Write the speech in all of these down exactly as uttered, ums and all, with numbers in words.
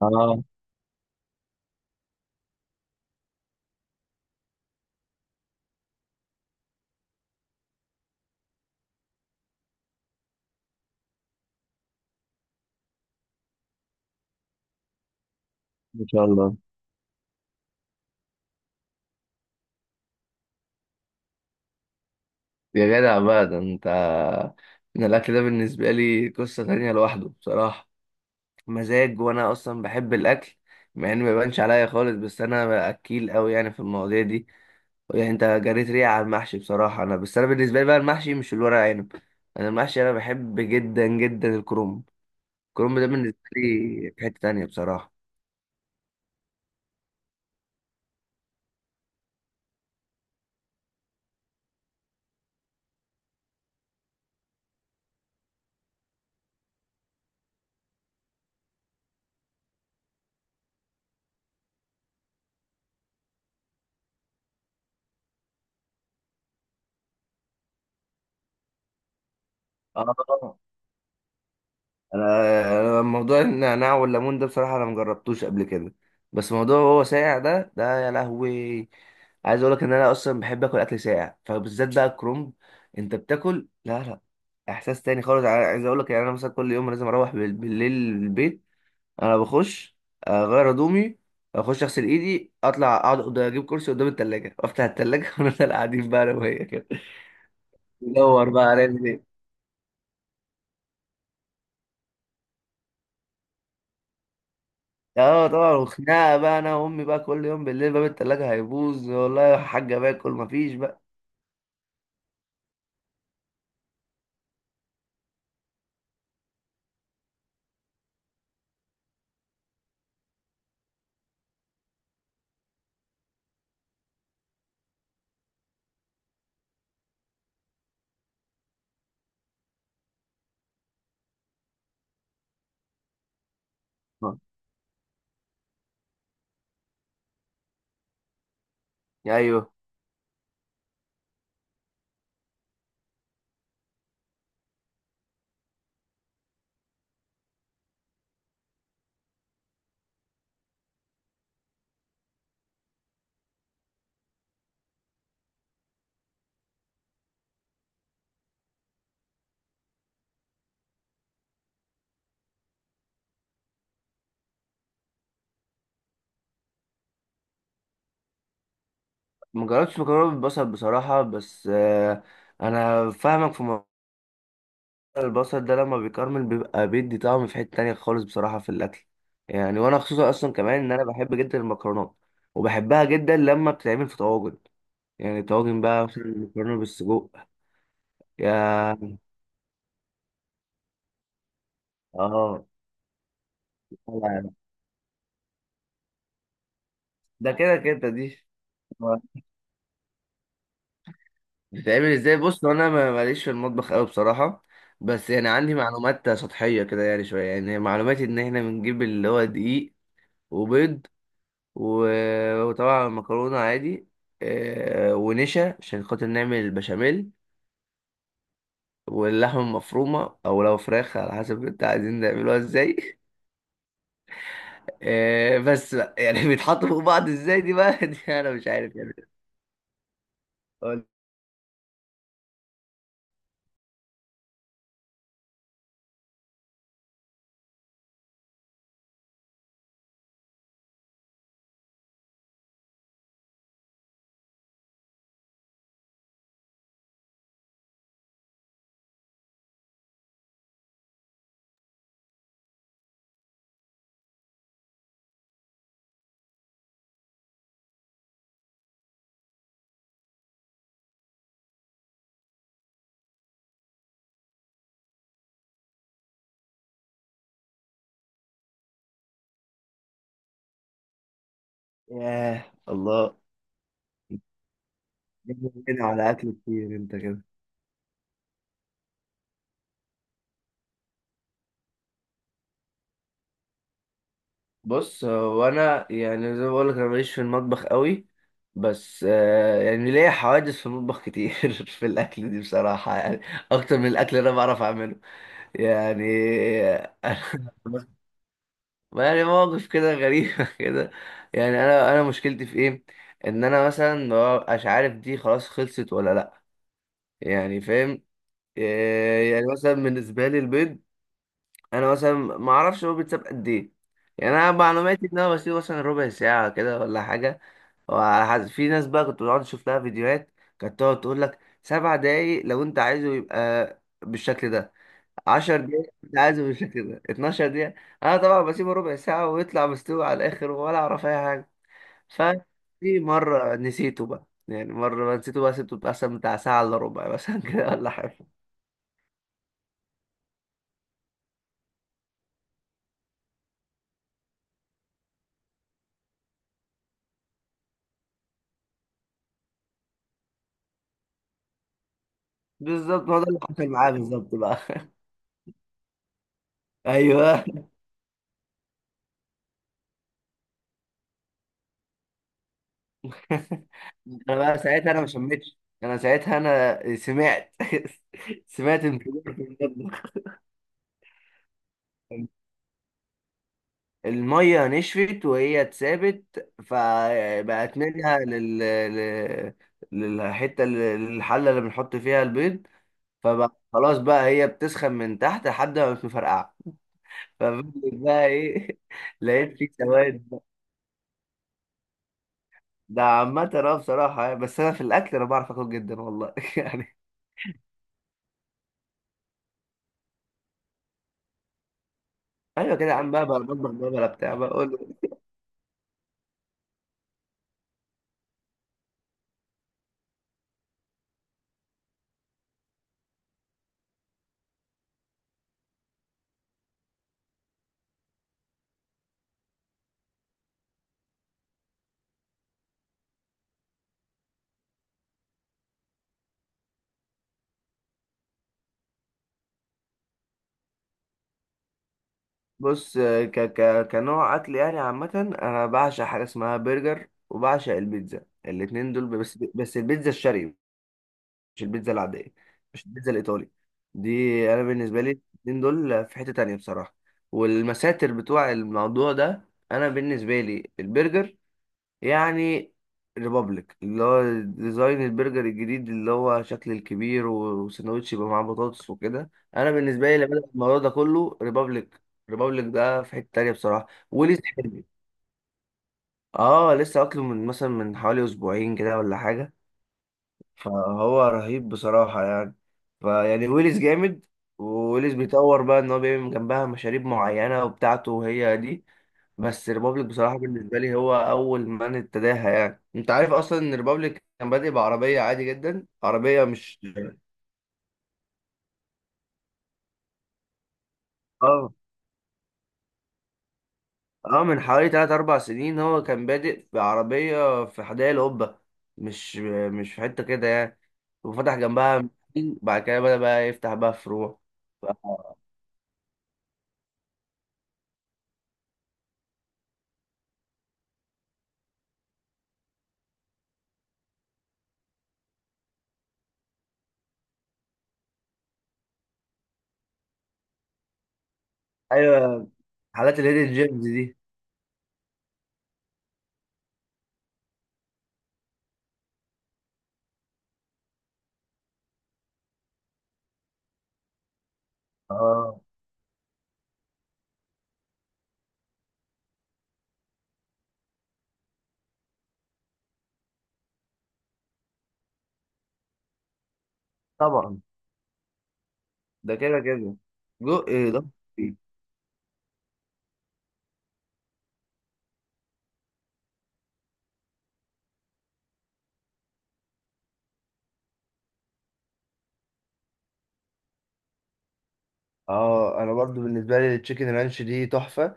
اه. ما شاء الله، يا جدع بقى، ده انت، ان الاكل ده بالنسبه لي قصه تانية لوحده بصراحه. مزاج، وانا اصلا بحب الاكل، مع انه ما يبانش عليا خالص، بس انا اكيل قوي يعني في المواضيع دي. يعني انت جريت ريقي على المحشي بصراحه، انا بس انا بالنسبه لي بقى المحشي مش الورق عنب. انا المحشي، انا بحب جدا جدا الكرنب. الكرنب ده بالنسبه لي في حته تانية بصراحه. اه. انا أنا موضوع النعناع والليمون ده بصراحه انا مجربتوش قبل كده. بس موضوع هو ساقع ده ده، يا لهوي. عايز اقول لك ان انا اصلا بحب اكل اكل ساقع، فبالذات بقى الكرنب. انت بتاكل، لا، لا، احساس تاني خالص. ع- عايز اقول لك يعني انا مثلا كل يوم لازم اروح بال- بالليل البيت. انا بخش، اغير هدومي، اخش اغسل ايدي، اطلع اقعد قد- اجيب كرسي قدام التلاجة وافتح التلاجة ونفضل قاعدين بقى انا وهي كده. ندور بقى هنعمل ايه. اه طبعا، وخناقه بقى انا وامي بقى كل يوم بالليل. باب التلاجة هيبوظ والله يا حاجه، باكل مفيش بقى. آه. ايوه، ما جربتش مكرونه بالبصل بصراحه، بس آه انا فاهمك في موضوع. البصل ده لما بيكرمل بيبقى بيدي طعم في حته تانية خالص بصراحه في الاكل. يعني وانا خصوصا اصلا كمان ان انا بحب جدا المكرونات، وبحبها جدا لما بتتعمل في طواجن، يعني طواجن بقى مثلا مكرونه بالسجق. يا، اه، لا، لا. ده كده كده دي. بتعمل ازاي؟ بص، هو انا ما- ماليش في المطبخ قوي بصراحه. بس يعني عندي معلومات سطحيه كده، يعني شويه، يعني معلوماتي ان احنا بنجيب اللي هو دقيق، وبيض و- وطبعا مكرونه عادي، آه، ونشا عشان خاطر نعمل البشاميل، واللحمه المفرومه او لو فراخ على حسب انت عايزين نعملوها ازاي. آه، بس بقى يعني بيتحطوا فوق بعض ازاي دي بقى، دي انا مش عارف يعني. قول- ياه الله! بتتكلم هنا على اكل كتير انت كده. بص، هو انا يعني زي ما بقولك انا ماليش في المطبخ قوي، بس آه، يعني ليا حوادث في المطبخ كتير في الاكل دي بصراحه يعني، اكتر من الاكل اللي انا بعرف اعمله يعني. ما يعني مواقف كده غريبه، كده. يعني انا انا مشكلتي في ايه، ان انا مثلا ما ببقاش عارف دي خلاص خلصت ولا لا، يعني فاهم. آه، يعني مثلا بالنسبه لي البيض، انا مثلا ما اعرفش هو بيتساب قد ايه. يعني انا معلوماتي ان انا بسيبه مثلا ربع ساعه كده ولا حاجه، وعلى حسب، في ناس بقى كنت بقعد اشوف لها فيديوهات، كانت تقعد تقول لك سبع دقايق لو انت عايزه يبقى بالشكل ده، عشر دقايق انت عايزه بالشكل ده، 12 دقيقه. انا طبعا بسيبه ربع ساعه ويطلع مستوي على الاخر ولا اعرف اي حاجه. ففي مره نسيته بقى، يعني مرة بقى نسيته بقى، سبته مثلا بتاع ساعة إلا ربع مثلا كده ولا حاجة. بالظبط، هو ده اللي حصل معايا بالظبط بقى. أيوه، انا بقى ساعتها انا ما شميتش، انا ساعتها انا سمعت سمعت انفجار في المطبخ. الميه نشفت وهي اتسابت فبقت منها لل... لل- للحته، الحله اللي بنحط فيها البيض. فبقى خلاص بقى هي بتسخن من تحت لحد ما مش مفرقعه. ففضلت بقى ايه لقيت في سواد بقى. ده عامة اه بصراحة يعني، بس أنا في الأكل أنا بعرف آكل جدا والله، يعني. أيوة كده يا عم بقى بقى بطبخ بقى بلا بتاع بقول. بص، آه، ك ك كنوع اكل يعني عامه، انا بعشق حاجه اسمها برجر وبعشق البيتزا، الاتنين دول، بس بس البيتزا الشرقي، مش البيتزا العاديه، مش البيتزا الايطالي دي. انا بالنسبه لي الاتنين دول في حته تانية بصراحه. والمساتر بتوع الموضوع ده، انا بالنسبه لي البرجر يعني ريبابليك، اللي هو ديزاين البرجر الجديد اللي هو شكل الكبير وسندوتش يبقى معاه بطاطس وكده. انا بالنسبه لي لما بدأ الموضوع ده كله ريبابليك، ريبابليك ده في حته تانيه بصراحه ولسه حلو. اه، لسه اكله من، مثلا، من حوالي اسبوعين كده ولا حاجه. فهو رهيب بصراحه يعني. فيعني ويليز جامد، وويليز بيطور بقى ان هو بيعمل جنبها مشاريب معينه وبتاعته وهي دي. بس ريبابليك بصراحة بالنسبة لي هو أول من ابتداها. يعني أنت عارف أصلا إن ريبابليك كان بادئ بعربية عادي جدا، عربية مش... آه آه من حوالي تلات أربع سنين هو كان بادئ بعربية في حدائق القبة، مش مش في حتة كده يعني. وفتح جنبها محل، بعد كده بدأ بقى يفتح بقى فروع. ف- أيوه، حالات الهيدن جيمز دي. آه طبعا، ده كده كده، جو إيه ده؟ آه أنا برضو بالنسبة لي التشيكن رانش دي تحفة،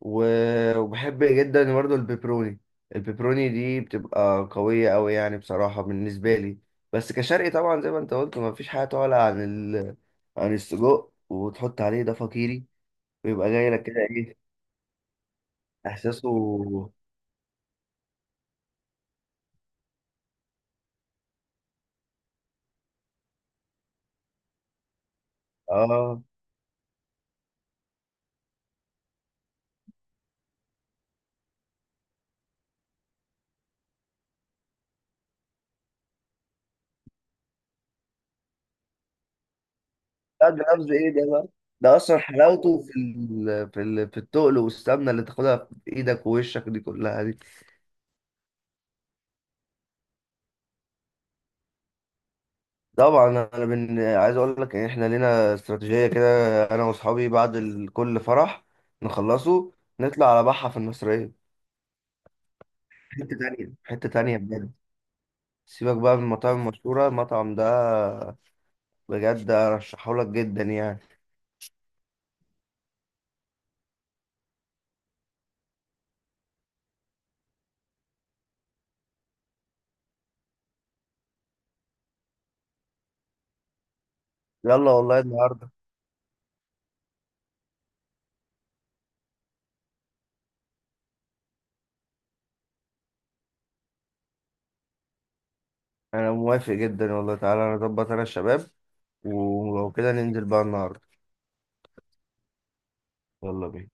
و- وبحب جدا برضه البيبروني. البيبروني دي بتبقى قوية أوي يعني بصراحة بالنسبة لي. بس كشرقي طبعا زي ما انت قلت، مفيش حاجة تعلى عن ال... عن السجق وتحط عليه ده فقيري، ويبقى جاي لك كده ايه احساسه. اه، لا، ده لفظ ايه ده بقى. ده اصلا حلاوته في ال... في ال... في التقل والسمنة اللي تاخدها في ايدك ووشك دي كلها دي. طبعا، انا بن... عايز اقول لك ان احنا لينا استراتيجيه كده، انا واصحابي بعد ال- كل فرح نخلصه نطلع على بحه في المصريه. حته تانية، حته تانية بجد. سيبك بقى من المطاعم المشهوره، المطعم ده بجد ارشحه لك جدا يعني. يلا والله النهارده. انا موافق جدا والله، تعالى انا اظبط انا الشباب، ولو كده ننزل بقى النهارده. يلا بينا.